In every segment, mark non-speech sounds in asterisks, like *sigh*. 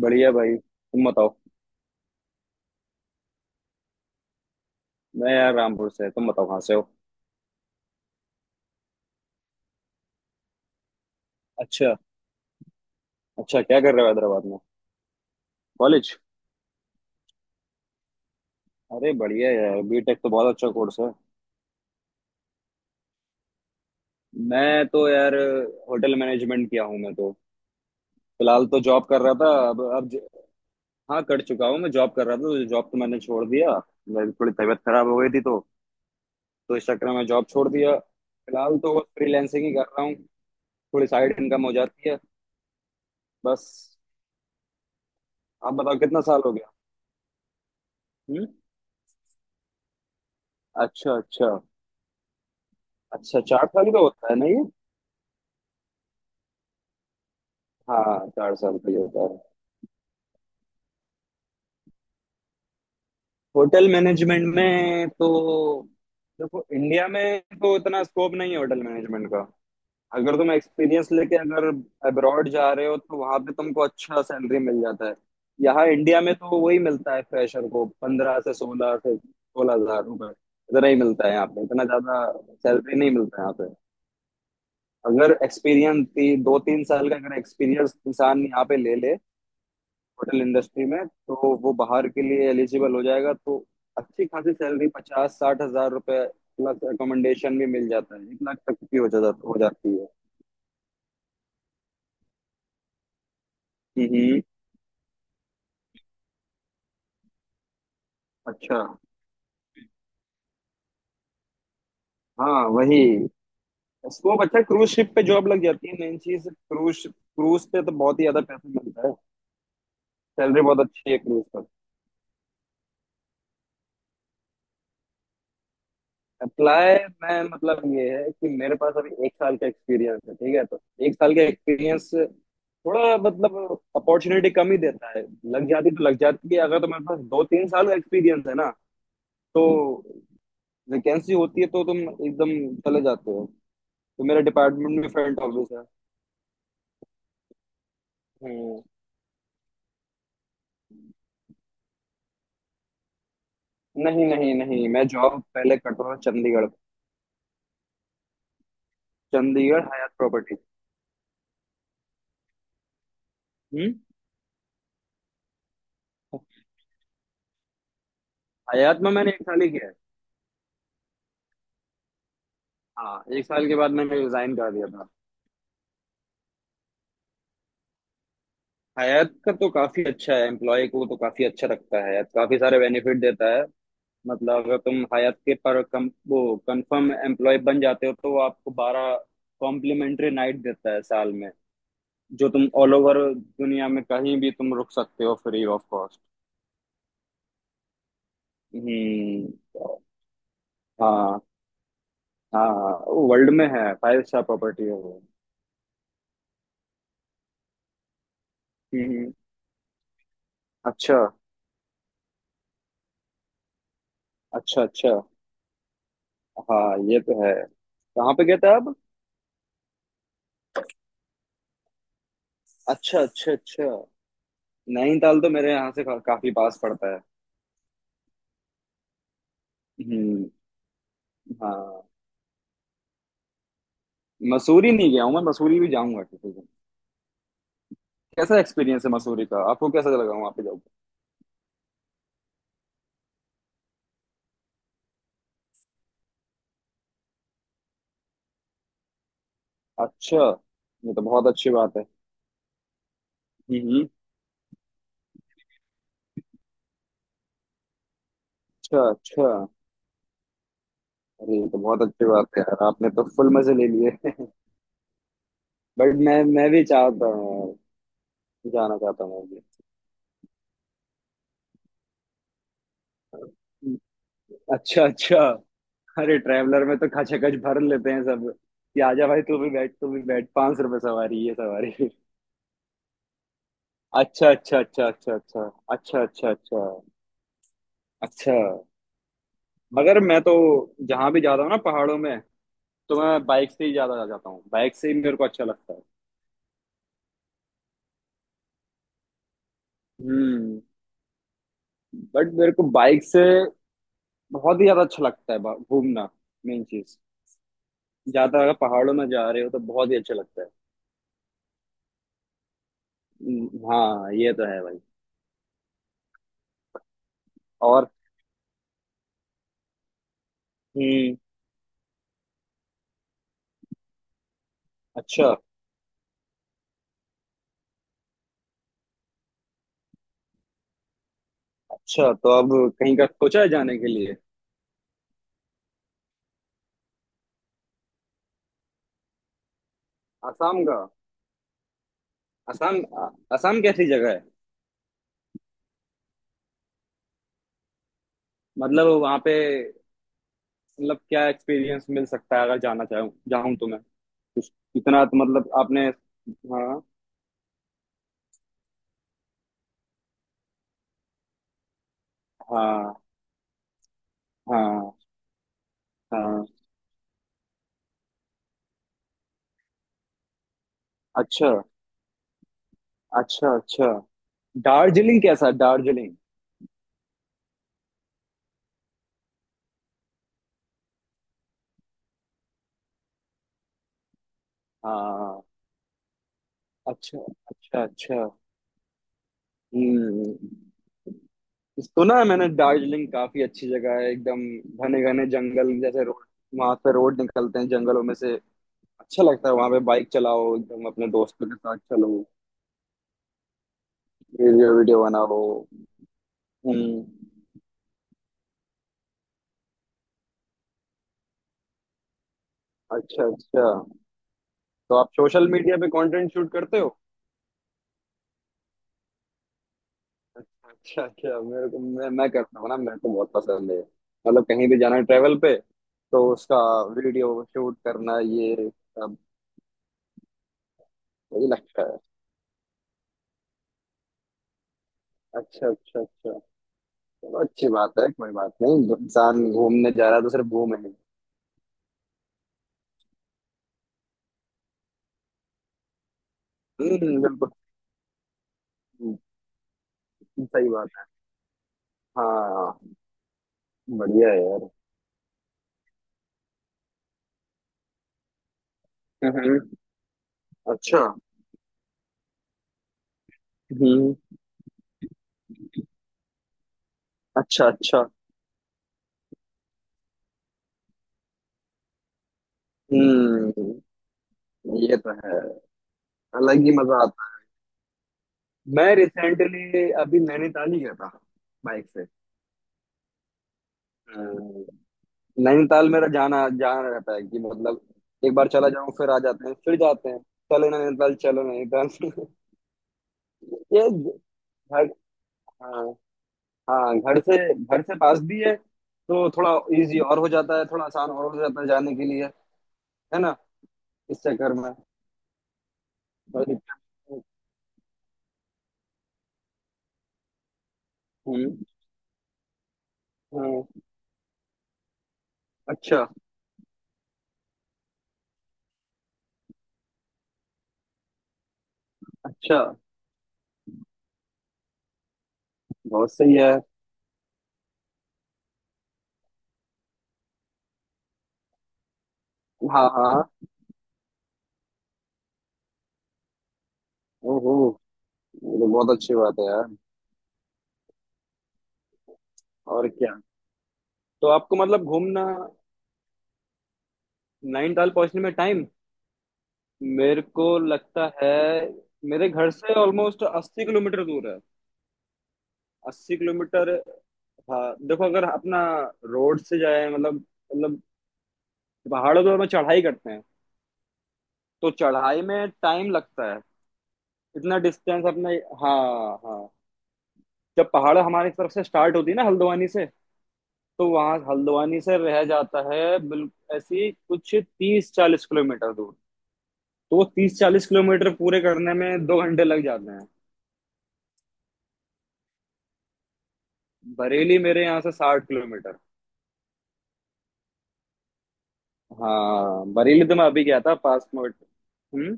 बढ़िया भाई तुम बताओ। मैं यार रामपुर से। तुम बताओ कहाँ से हो? अच्छा। अच्छा क्या कर रहे हो हैदराबाद में? कॉलेज? अरे बढ़िया यार बीटेक तो बहुत अच्छा कोर्स है। मैं तो यार होटल मैनेजमेंट किया हूँ मैं तो। फिलहाल तो जॉब कर रहा था, अब हाँ कर चुका हूँ, मैं जॉब कर रहा था तो जॉब तो मैंने छोड़ दिया। मेरी थोड़ी तबीयत खराब हो गई थी तो इस चक्कर में मैं जॉब छोड़ दिया। फिलहाल तो बस फ्रीलैंसिंग ही कर रहा हूँ। थोड़ी साइड इनकम हो जाती है बस। आप बताओ कितना साल हो गया? हम्म। अच्छा अच्छा। अच्छा चार साल का होता है ना ये? हाँ चार साल का ही होता है। होटल मैनेजमेंट में तो देखो इंडिया में तो इतना स्कोप नहीं है होटल मैनेजमेंट का। अगर तुम एक्सपीरियंस लेके अगर अब्रॉड जा रहे हो तो वहां पे तुमको अच्छा सैलरी मिल जाता है। यहाँ इंडिया में तो वही मिलता है, फ्रेशर को पंद्रह से सोलह से 16,000 रुपए। इतना ही मिलता है यहाँ पे, इतना ज्यादा सैलरी नहीं मिलता है यहाँ पे। अगर एक्सपीरियंस दो तीन साल का अगर एक्सपीरियंस इंसान यहाँ पे ले ले होटल इंडस्ट्री में, तो वो बाहर के लिए एलिजिबल हो जाएगा तो अच्छी खासी सैलरी 50-60 हजार रुपए प्लस अकोमोडेशन भी मिल जाता है, 1 लाख तक की हो जाता हो जाती है। हम्म। अच्छा। हाँ वही स्कोप अच्छा, क्रूज शिप पे जॉब लग जाती है। मेन चीज क्रूज, क्रूज पे तो बहुत ही ज्यादा पैसा मिलता है। सैलरी बहुत अच्छी है क्रूज। अप्लाई? मैं मतलब ये है कि मेरे पास अभी 1 साल का एक्सपीरियंस है, ठीक है तो। एक साल का एक्सपीरियंस थोड़ा मतलब अपॉर्चुनिटी कम ही देता है। लग जाती तो लग जाती है अगर तुम्हारे पास 2-3 साल का एक्सपीरियंस है ना तो वैकेंसी होती है तो तुम एकदम चले जाते हो। तो मेरा डिपार्टमेंट में फ्रंट ऑफिस है। हम्म। नहीं नहीं नहीं, मैं जॉब पहले करता था चंडीगढ़। Chandigarh Hyatt property. हम्म। हयात में मैंने एक साल ही किया है। हाँ एक साल के बाद मैंने रिजाइन कर दिया था। हयात का तो काफी अच्छा है, एम्प्लॉय को तो काफी अच्छा रखता है। हयात काफी सारे बेनिफिट देता है। मतलब अगर तुम हयात के पर कम वो कंफर्म एम्प्लॉय बन जाते हो तो वो आपको 12 कॉम्प्लीमेंट्री नाइट देता है साल में, जो तुम ऑल ओवर दुनिया में कहीं भी तुम रुक सकते हो फ्री ऑफ कॉस्ट। हम्म। हाँ। हाँ वर्ल्ड में है, फाइव स्टार प्रॉपर्टी है वो। हम्म। अच्छा अच्छा अच्छा। हाँ ये तो है। कहाँ पे गए थे आप? अच्छा अच्छा अच्छा। नैनीताल तो मेरे यहाँ से काफी पास पड़ता है। हम्म। हाँ। मसूरी नहीं गया हूँ मैं, मसूरी भी जाऊंगा किसी दिन। कैसा एक्सपीरियंस है मसूरी का? आपको कैसा लगा वहाँ पे? जाऊंगा। अच्छा। ये तो बहुत अच्छी बात है। हम्म। अच्छा अच्छा। अरे ये तो बहुत अच्छी बात है यार, आपने तो फुल मजे ले लिए। *laughs* बट मैं भी चाहता हूँ जाना, चाहता हूँ मैं भी। अच्छा अच्छा। अरे ट्रैवलर में तो खचाखच भर लेते हैं सब कि आजा भाई तू भी बैठ तू भी बैठ, ₹5 सवारी ये सवारी। अच्छा अच्छा अच्छा अच्छा अच्छा अच्छा अच्छा अच्छा अच्छा। मगर मैं तो जहाँ भी जाता हूँ ना पहाड़ों में, तो मैं बाइक से ही ज्यादा जा जाता हूँ। बाइक से ही मेरे को अच्छा लगता है। हम्म। बट मेरे को बाइक से बहुत ही ज्यादा अच्छा लगता है घूमना मेन चीज ज्यादा, अगर पहाड़ों में जा रहे हो तो बहुत ही अच्छा लगता है। हाँ ये तो है भाई। और हम्म। अच्छा अच्छा। तो अब कहीं का सोचा है जाने के लिए? असम का? असम। असम कैसी जगह है? मतलब वहां पे मतलब क्या एक्सपीरियंस मिल सकता है अगर जाना चाहूँ जाऊँ तो मैं कुछ? इतना तो मतलब आपने। हाँ। हाँ। हाँ। हाँ। अच्छा अच्छा अच्छा। दार्जिलिंग कैसा? दार्जिलिंग? हाँ। अच्छा अच्छा अच्छा। हम्म। सुना है मैंने दार्जिलिंग काफी अच्छी जगह है, एकदम घने घने जंगल जैसे रोड। वहां पे रोड निकलते हैं जंगलों में से। अच्छा लगता है वहां पे, बाइक चलाओ एकदम अपने दोस्तों के साथ, चलो वीडियो वीडियो बनाओ। हम्म। अच्छा अच्छा। तो आप सोशल मीडिया पे कंटेंट शूट करते हो? अच्छा अच्छा। मेरे को, मैं करता हूँ ना, मेरे को बहुत पसंद है। मतलब कहीं भी जाना है ट्रेवल पे तो उसका वीडियो शूट करना, ये सब। वही लगता है। अच्छा अच्छा अच्छा। चलो अच्छी बात है, कोई बात नहीं, जो इंसान घूमने जा रहा है तो सिर्फ घूमे ही। बिल्कुल। हम्म, सही बात है। हाँ। बढ़िया है यार। हम्म। अच्छा। हम्म। अच्छा अच्छा। हम्म ये तो है। अलग ही मजा आता। मैं रिसेंटली अभी नैनीताल ही गया था, बाइक से। अ, नैनीताल मेरा जाना जाना रहता है कि मतलब एक बार चला जाऊं, फिर आ जाते हैं, फिर जाते हैं, चलो नैनीताल चलो नैनीताल। *laughs* ये घर। हाँ। हाँ घर से पास भी है तो थोड़ा इजी और हो जाता है, थोड़ा आसान और हो जाता है जाने के लिए, है ना। इस चक्कर में थोड़ा हम्म। हम्म, अच्छा अच्छा। बहुत सही है। हाँ। हाँ। ओहो, ये तो बहुत अच्छी बात है यार। और क्या? तो आपको मतलब घूमना, नैनीताल पहुंचने में टाइम। मेरे को लगता है मेरे घर से ऑलमोस्ट 80 किलोमीटर दूर है। अस्सी किलोमीटर। हाँ देखो अगर अपना रोड से जाए मतलब पहाड़ों पर हम चढ़ाई करते हैं, तो चढ़ाई में टाइम लगता है इतना डिस्टेंस अपने। हाँ। हाँ। जब पहाड़ हमारी तरफ से स्टार्ट होती है ना हल्द्वानी से, तो वहां हल्द्वानी से रह जाता है बिल्कुल ऐसी कुछ 30-40 किलोमीटर दूर। तो वो 30-40 किलोमीटर पूरे करने में 2 घंटे लग जाते हैं। बरेली मेरे यहाँ से 60 किलोमीटर। हाँ बरेली तो मैं अभी गया था पास में, बट- हम्म।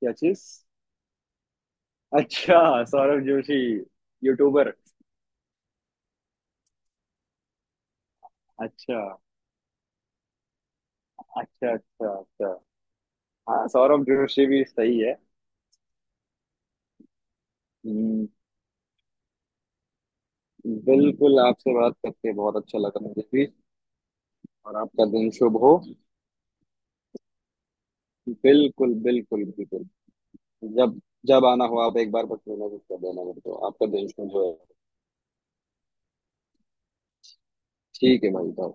क्या चीज? अच्छा। सौरभ जोशी। यूट्यूबर। अच्छा अच्छा अच्छा अच्छा। हाँ सौरभ जोशी भी सही है। हम्म, बिल्कुल आपसे बात करके बहुत अच्छा लगा मुझे भी। और आपका दिन शुभ हो। बिल्कुल बिल्कुल बिल्कुल। जब जब आना हो आप एक बार बस मैसेज कर देना मेरे को। आपका दिन शुभ हो। ठीक है भाई bye।